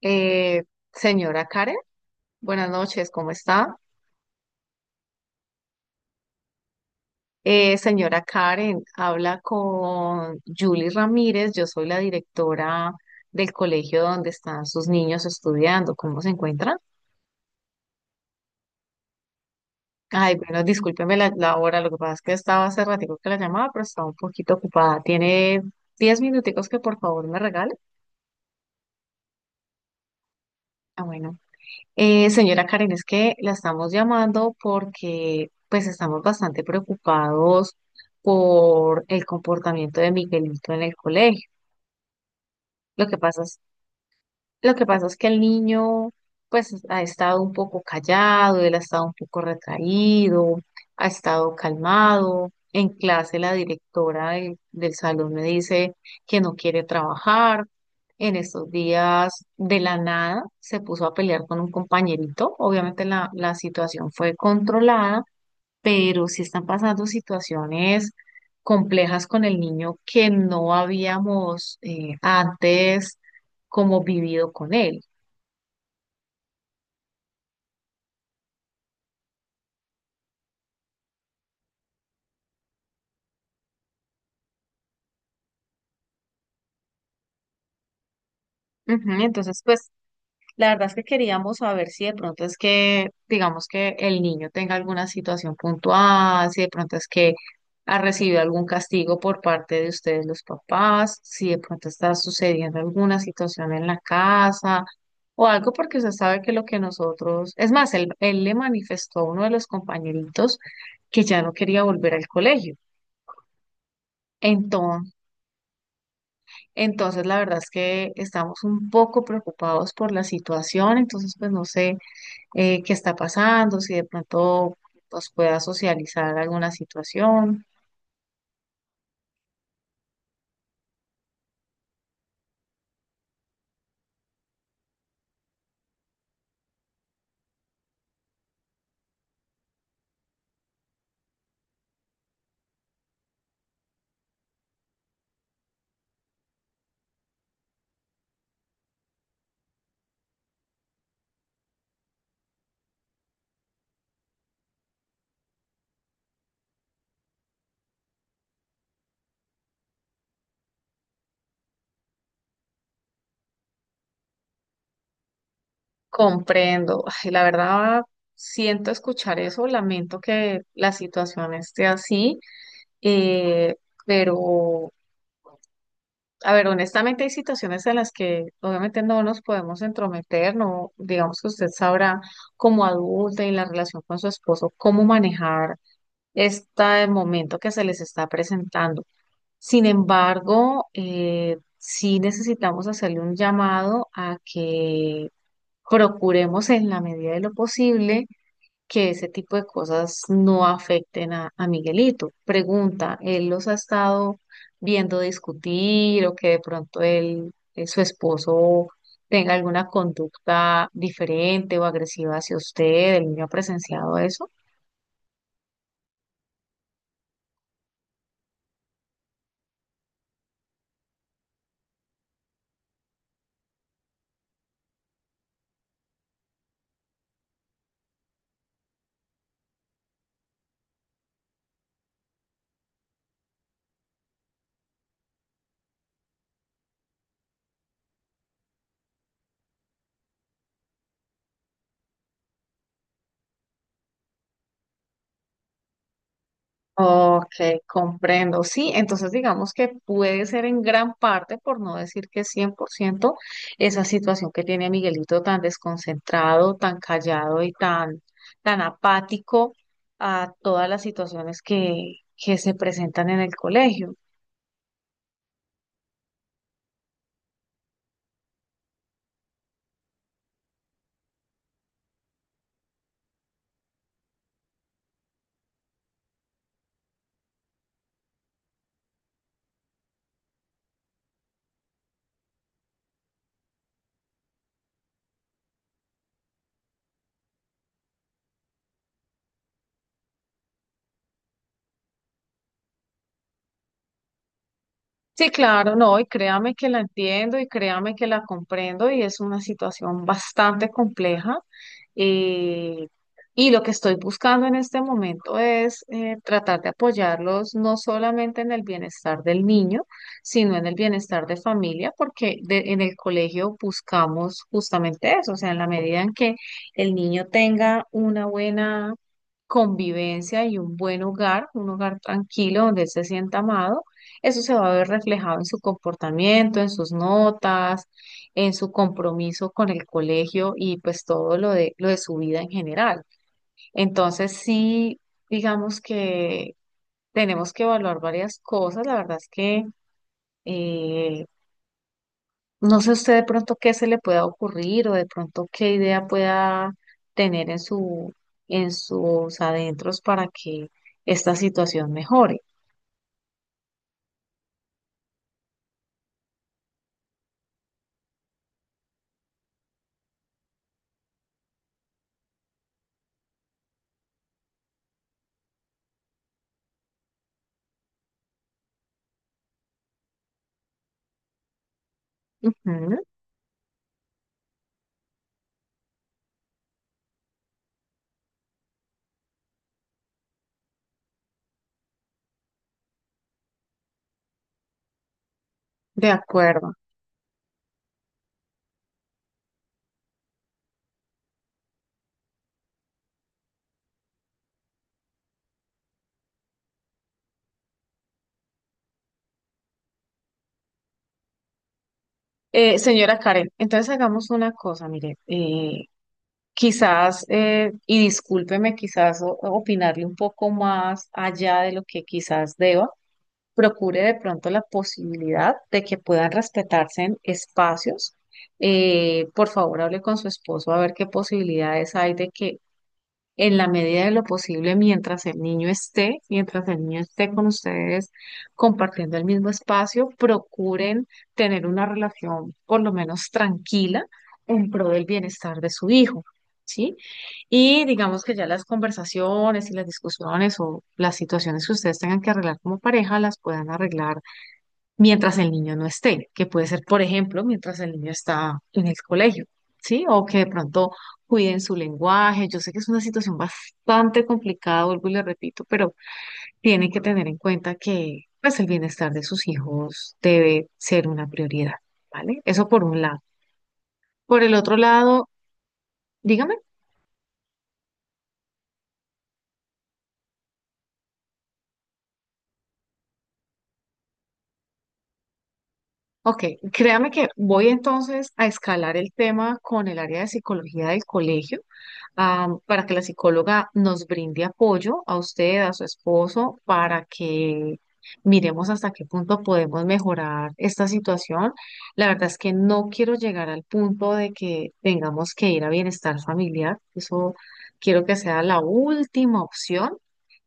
Eh, Señora Karen, buenas noches, ¿cómo está? Señora Karen, habla con Julie Ramírez, yo soy la directora del colegio donde están sus niños estudiando, ¿cómo se encuentran? Ay, bueno, discúlpeme la hora, lo que pasa es que estaba hace ratico que la llamaba, pero estaba un poquito ocupada. ¿Tiene 10 minuticos que por favor me regale? Ah, bueno. Señora Karen, es que la estamos llamando porque pues estamos bastante preocupados por el comportamiento de Miguelito en el colegio. Lo que pasa es lo que pasa es que el niño, pues, ha estado un poco callado, él ha estado un poco retraído, ha estado calmado. En clase, la directora del salón me dice que no quiere trabajar. En estos días, de la nada, se puso a pelear con un compañerito. Obviamente, la situación fue controlada, pero sí están pasando situaciones complejas con el niño que no habíamos antes como vivido con él. Ujú. Entonces, pues, la verdad es que queríamos saber si de pronto es que, digamos que el niño tenga alguna situación puntual, si de pronto es que ha recibido algún castigo por parte de ustedes los papás, si de pronto está sucediendo alguna situación en la casa o algo porque usted sabe que lo que nosotros, es más, él le manifestó a uno de los compañeritos que ya no quería volver al colegio. Entonces, entonces, la verdad es que estamos un poco preocupados por la situación, entonces pues no sé qué está pasando, si de pronto nos pueda socializar alguna situación. Comprendo. Ay, la verdad, siento escuchar eso, lamento que la situación esté así, eh, pero, a ver, honestamente hay situaciones en las que obviamente no nos podemos entrometer, no, digamos que usted sabrá como adulta y en la relación con su esposo cómo manejar este momento que se les está presentando. Sin embargo, sí necesitamos hacerle un llamado a que procuremos en la medida de lo posible que ese tipo de cosas no afecten a Miguelito. Pregunta, ¿él los ha estado viendo discutir o que de pronto él, su esposo, tenga alguna conducta diferente o agresiva hacia usted? ¿El niño ha presenciado eso? Ok, comprendo. Sí, entonces digamos que puede ser en gran parte, por no decir que 100%, esa situación que tiene a Miguelito tan desconcentrado, tan callado y tan, tan apático a todas las situaciones que se presentan en el colegio. Sí, claro, no, y créame que la entiendo y créame que la comprendo y es una situación bastante compleja. eh, y lo que estoy buscando en este momento es tratar de apoyarlos no solamente en el bienestar del niño, sino en el bienestar de familia, porque de- en el colegio buscamos justamente eso, o sea, en la medida en que el niño tenga una buena convivencia y un buen hogar, un hogar tranquilo donde él se sienta amado, eso se va a ver reflejado en su comportamiento, en sus notas, en su compromiso con el colegio y pues todo lo de su vida en general. Entonces, sí, digamos que tenemos que evaluar varias cosas. La verdad es que eh, no sé usted de pronto qué se le pueda ocurrir o de pronto qué idea pueda tener en su, en sus adentros para que esta situación mejore. Ujú, de acuerdo. Señora Karen, entonces hagamos una cosa, mire, quizás, y discúlpeme, quizás o- opinarle un poco más allá de lo que quizás deba, procure de pronto la posibilidad de que puedan respetarse en espacios. Por favor, hable con su esposo a ver qué posibilidades hay de que en la medida de lo posible mientras el niño esté, mientras el niño esté con ustedes compartiendo el mismo espacio, procuren tener una relación por lo menos tranquila en pro del bienestar de su hijo, ¿sí? Y digamos que ya las conversaciones y las discusiones o las situaciones que ustedes tengan que arreglar como pareja las puedan arreglar mientras el niño no esté, que puede ser, por ejemplo, mientras el niño está en el colegio, ¿sí? O que de pronto cuiden su lenguaje. Yo sé que es una situación bastante complicada, vuelvo y le repito, pero tienen que tener en cuenta que pues el bienestar de sus hijos debe ser una prioridad, ¿vale? Eso por un lado. Por el otro lado, dígame. Ok, créame que voy entonces a escalar el tema con el área de psicología del colegio, ah, para que la psicóloga nos brinde apoyo a usted, a su esposo, para que miremos hasta qué punto podemos mejorar esta situación. La verdad es que no quiero llegar al punto de que tengamos que ir a bienestar familiar. Eso quiero que sea la última opción,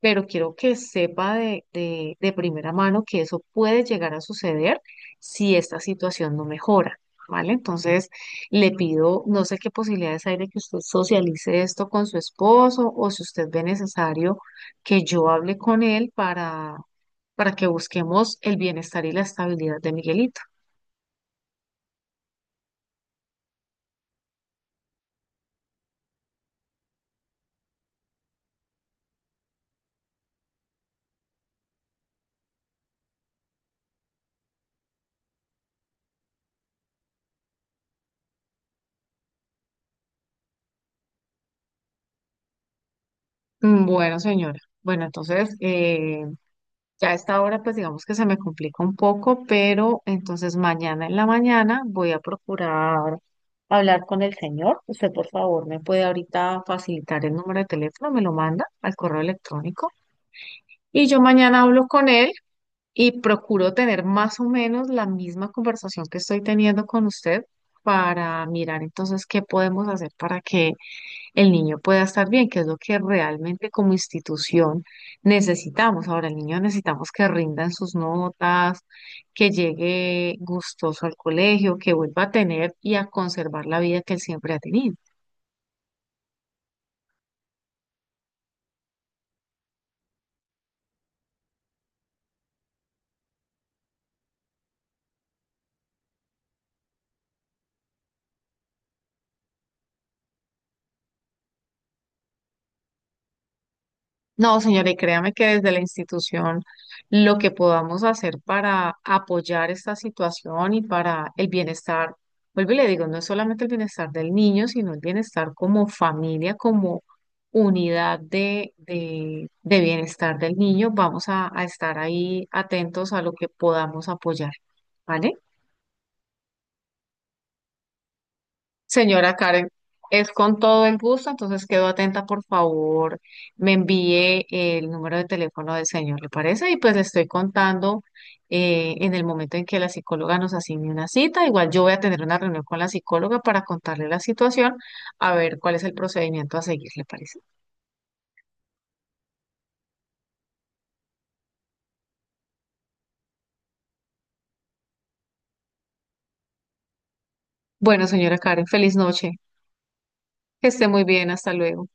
pero quiero que sepa de primera mano que eso puede llegar a suceder si esta situación no mejora, ¿vale? Entonces, le pido, no sé qué posibilidades hay de que usted socialice esto con su esposo o si usted ve necesario que yo hable con él para que busquemos el bienestar y la estabilidad de Miguelito. Mm, bueno, señora. Bueno, entonces, ya a esta hora, pues digamos que se me complica un poco, pero entonces mañana en la mañana voy a procurar hablar con el señor. Usted, por favor, me puede ahorita facilitar el número de teléfono, me lo manda al correo electrónico. Y yo mañana hablo con él y procuro tener más o menos la misma conversación que estoy teniendo con usted para mirar entonces qué podemos hacer para que el niño pueda estar bien, que es lo que realmente como institución necesitamos. Ahora, el niño necesitamos que rindan sus notas, que llegue gustoso al colegio, que vuelva a tener y a conservar la vida que él siempre ha tenido. No, señora, y créame que desde la institución lo que podamos hacer para apoyar esta situación y para el bienestar, vuelvo y le digo, no es solamente el bienestar del niño, sino el bienestar como familia, como unidad de bienestar del niño, vamos a estar ahí atentos a lo que podamos apoyar, ¿vale? Señora Karen, es con todo el gusto, entonces quedo atenta, por favor, me envíe el número de teléfono del señor, ¿le parece? Y pues le estoy contando en el momento en que la psicóloga nos asigne una cita. Igual yo voy a tener una reunión con la psicóloga para contarle la situación, a ver cuál es el procedimiento a seguir, ¿le parece? Bueno, señora Karen, feliz noche, que esté muy bien, hasta luego.